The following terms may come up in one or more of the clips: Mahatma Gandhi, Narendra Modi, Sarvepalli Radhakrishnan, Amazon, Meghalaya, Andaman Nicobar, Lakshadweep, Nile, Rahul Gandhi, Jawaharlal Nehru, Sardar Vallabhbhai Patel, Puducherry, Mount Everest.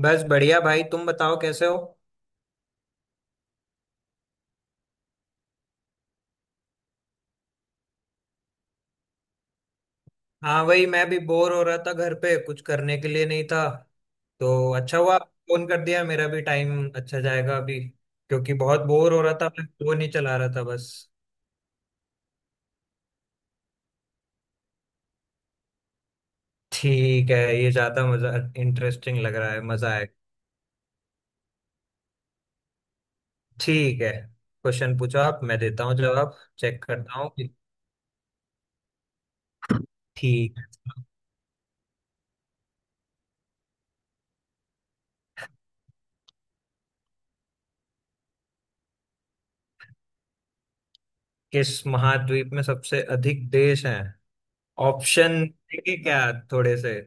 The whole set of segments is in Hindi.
बस बढ़िया भाई। तुम बताओ कैसे हो। हाँ, वही मैं भी बोर हो रहा था, घर पे कुछ करने के लिए नहीं था तो अच्छा हुआ फोन कर दिया। मेरा भी टाइम अच्छा जाएगा अभी, क्योंकि बहुत बोर हो रहा था, मैं फोन ही चला रहा था बस। ठीक है, ये ज्यादा मजा, इंटरेस्टिंग लग रहा है, मजा आएगा। ठीक है, क्वेश्चन पूछो आप, मैं देता हूँ जवाब, चेक करता हूँ कि ठीक। किस महाद्वीप में सबसे अधिक देश हैं? ऑप्शन देंगे क्या, थोड़े से?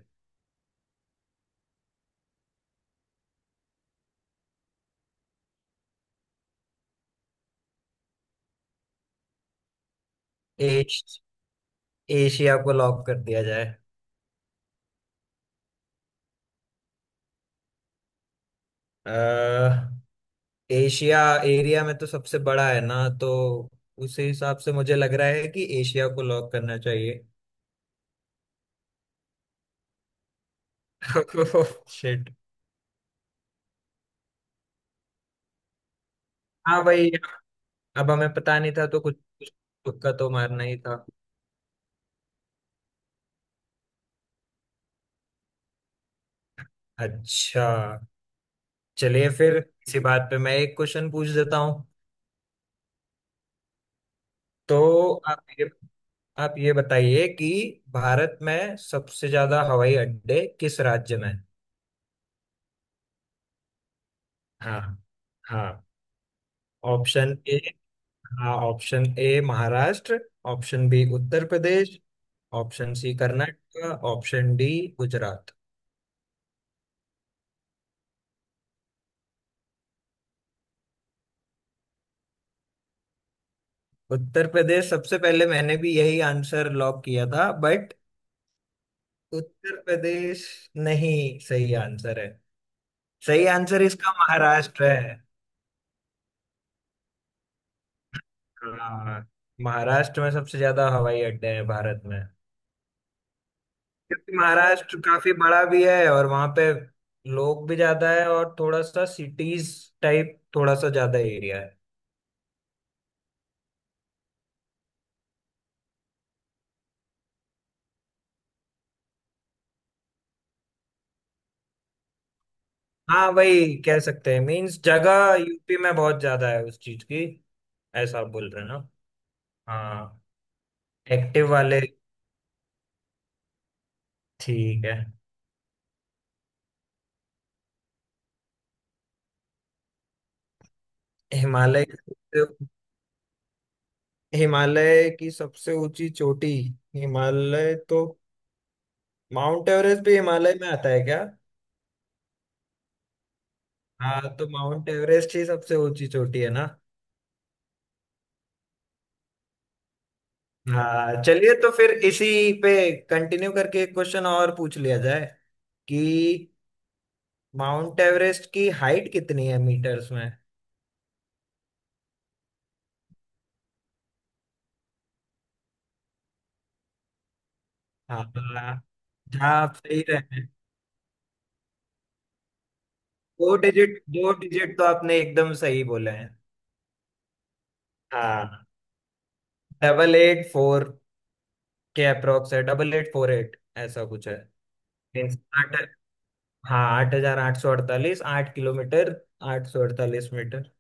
एश, एशिया को लॉक कर दिया जाए। अह, एशिया एरिया में तो सबसे बड़ा है ना, तो उसी हिसाब से मुझे लग रहा है कि एशिया को लॉक करना चाहिए। शिट। हाँ भाई, अब हमें पता नहीं था तो कुछ कुछ तुक्का तो मारना ही था। अच्छा, चलिए फिर इसी बात पे मैं एक क्वेश्चन पूछ देता हूँ। तो आप ये बताइए कि भारत में सबसे ज्यादा हवाई अड्डे किस राज्य में हैं? हाँ, हाँ, ऑप्शन ए। हाँ, option A Maharashtra, option B Uttar Pradesh, option C Karnataka, option D Gujarat. Uttar Pradesh सबसे पहले मैंने भी यही आंसर लॉक किया था, बट उत्तर प्रदेश नहीं सही आंसर है। सही आंसर इसका महाराष्ट्र है। हाँ, महाराष्ट्र में सबसे ज्यादा हवाई अड्डे हैं भारत में। क्योंकि महाराष्ट्र काफी बड़ा भी है, और वहां पे लोग भी ज्यादा है, और थोड़ा सा सिटीज टाइप, थोड़ा सा ज्यादा एरिया है। हाँ, वही कह सकते हैं, मीन्स जगह यूपी में बहुत ज्यादा है उस चीज की। ऐसा आप बोल रहे हैं ना? हाँ। एक्टिव वाले। ठीक है। हिमालय, हिमालय की सबसे ऊंची चोटी, हिमालय तो, माउंट एवरेस्ट भी हिमालय में आता है क्या? हाँ, तो माउंट एवरेस्ट ही सबसे ऊंची चोटी है ना। हाँ, चलिए तो फिर इसी पे कंटिन्यू करके एक क्वेश्चन और पूछ लिया जाए कि माउंट एवरेस्ट की हाइट कितनी है मीटर्स में? हाँ, हाँ, आप सही रहे हैं। 2 डिजिट, 2 डिजिट तो आपने एकदम सही बोले हैं। हाँ, 884 के अप्रोक्स है, 8848, ऐसा कुछ है। मीन्स आठ, हाँ 8,848, 8 किलोमीटर, 848 मीटर।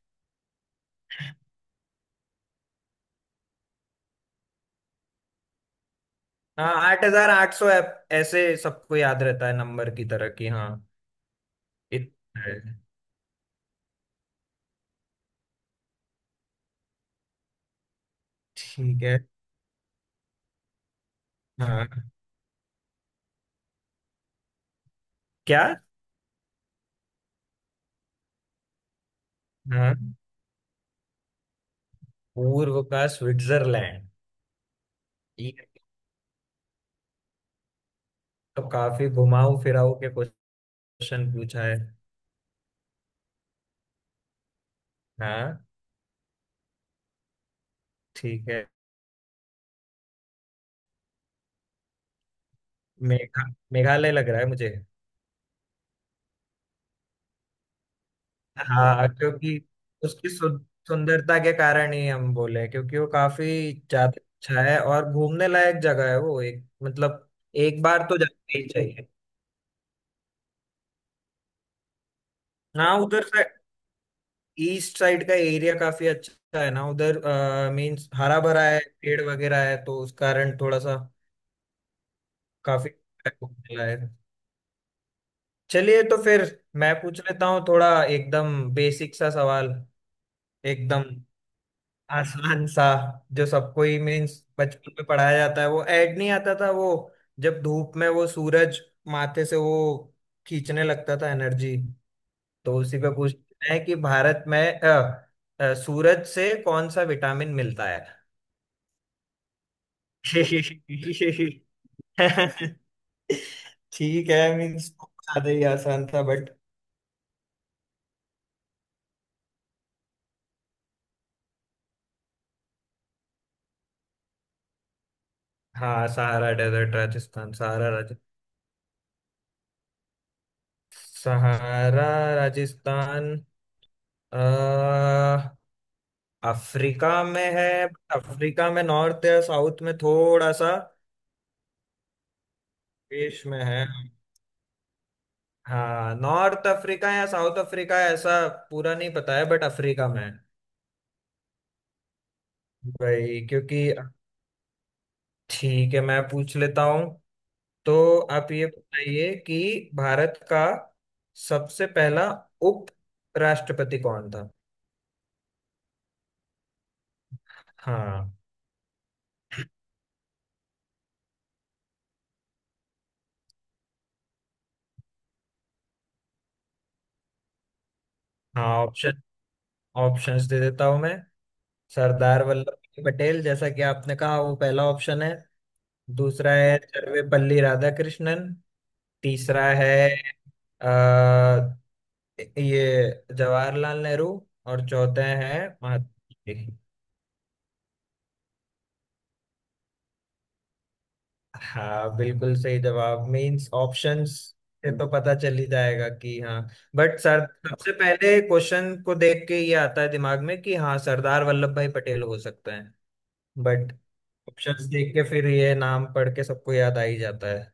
हाँ, 8,800, ऐसे सबको याद रहता है नंबर की तरह की। हाँ, इतना है। ठीक है। हाँ। क्या? हाँ, पूर्व का स्विट्जरलैंड। ये तो काफी घुमाऊ फिराऊ के क्वेश्चन पूछा है। हाँ, ठीक है। मेघा मेघालय लग रहा है मुझे। हाँ, क्योंकि उसकी सुंदरता के कारण ही हम बोले हैं, क्योंकि वो काफी ज्यादा अच्छा है और घूमने लायक जगह है वो, एक मतलब एक बार तो जाना ही चाहिए। हाँ, उधर से ईस्ट साइड का एरिया काफी अच्छा है ना उधर, मीन्स हरा भरा है, पेड़ वगैरह है तो उस कारण थोड़ा सा काफी घूमने लायक। चलिए तो फिर मैं पूछ लेता हूँ थोड़ा एकदम बेसिक सा सवाल, एकदम आसान सा, जो सबको ही मीन्स बचपन में पढ़ाया जाता है, वो ऐड नहीं आता था, वो जब धूप में वो सूरज माथे से वो खींचने लगता था एनर्जी। तो उसी पे पूछना है कि भारत में सूरज से कौन सा विटामिन मिलता है? ठीक है, मीन्स ज्यादा ही आसान था बट। हाँ, Sahara desert Rajasthan Sahara, Sahara Rajasthan, अ, अफ्रीका में है। अफ्रीका में नॉर्थ या साउथ में थोड़ा सा, देश में है। हाँ, नॉर्थ अफ्रीका या साउथ अफ्रीका, ऐसा पूरा नहीं पता है, बट अफ्रीका में है। भाई क्योंकि, ठीक है मैं पूछ लेता हूँ। तो आप ये बताइए कि भारत का सबसे पहला उप राष्ट्रपति कौन था? हाँ, हाँ, ऑप्शन ऑप्शंस दे देता हूं मैं। सरदार वल्लभ भाई पटेल जैसा कि आपने कहा, वो पहला ऑप्शन है। दूसरा है सर्वपल्ली राधाकृष्णन। तीसरा है अ, ये जवाहरलाल नेहरू। और चौथे हैं महात्मा गांधी। हाँ, बिल्कुल सही जवाब, मींस ऑप्शंस से तो पता चल ही जाएगा कि हाँ, बट सर सबसे पहले क्वेश्चन को देख के ये आता है दिमाग में कि हाँ सरदार वल्लभ भाई पटेल हो सकते हैं, बट ऑप्शंस देख के फिर ये नाम पढ़ के सबको याद आ ही जाता है।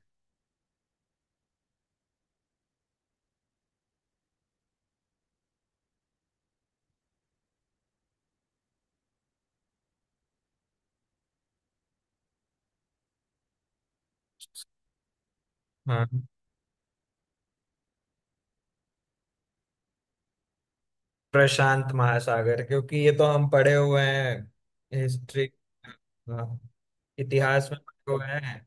हाँ, प्रशांत महासागर क्योंकि ये तो हम पढ़े हुए हैं, हिस्ट्री, इतिहास में पढ़े हुए हैं।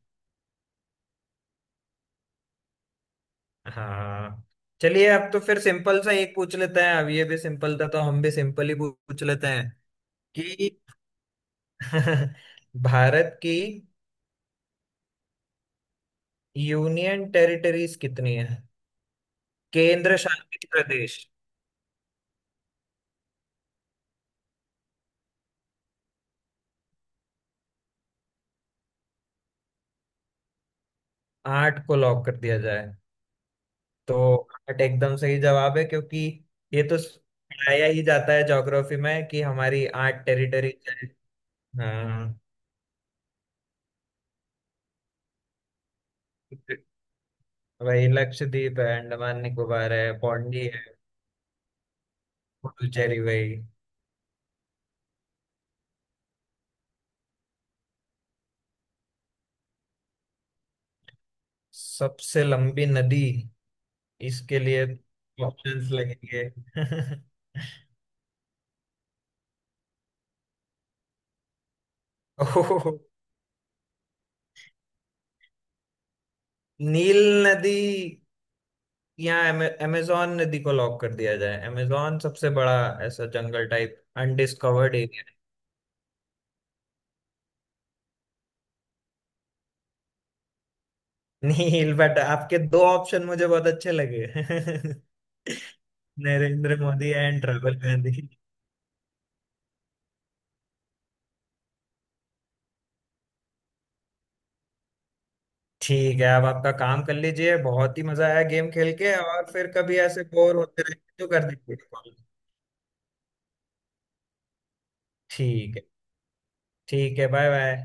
हाँ, चलिए अब तो फिर सिंपल सा एक पूछ लेते हैं, अब ये भी सिंपल था तो हम भी सिंपल ही पूछ लेते हैं कि भारत की यूनियन टेरिटरीज कितनी है, केंद्र शासित प्रदेश? आठ को लॉक कर दिया जाए। तो आर्ट एकदम सही जवाब है, क्योंकि ये तो पढ़ाया ही जाता है ज्योग्राफी में कि हमारी 8 टेरिटरी क्या है। हाँ वही, लक्षद्वीप है, अंडमान निकोबार है, पौंडी है, पुडुचेरी वही। सबसे लंबी नदी, इसके लिए ऑप्शंस लगेंगे। ओह, नील नदी या अमेजोन नदी को लॉक कर दिया जाए। अमेजोन सबसे बड़ा, ऐसा जंगल टाइप अनडिस्कवर्ड। नील, बट आपके दो ऑप्शन मुझे बहुत अच्छे लगे। नरेंद्र मोदी एंड राहुल गांधी। ठीक है, अब आपका काम कर लीजिए, बहुत ही मजा आया गेम खेल के, और फिर कभी ऐसे बोर होते रहे तो कर दीजिए कॉल। ठीक है, ठीक है, बाय बाय।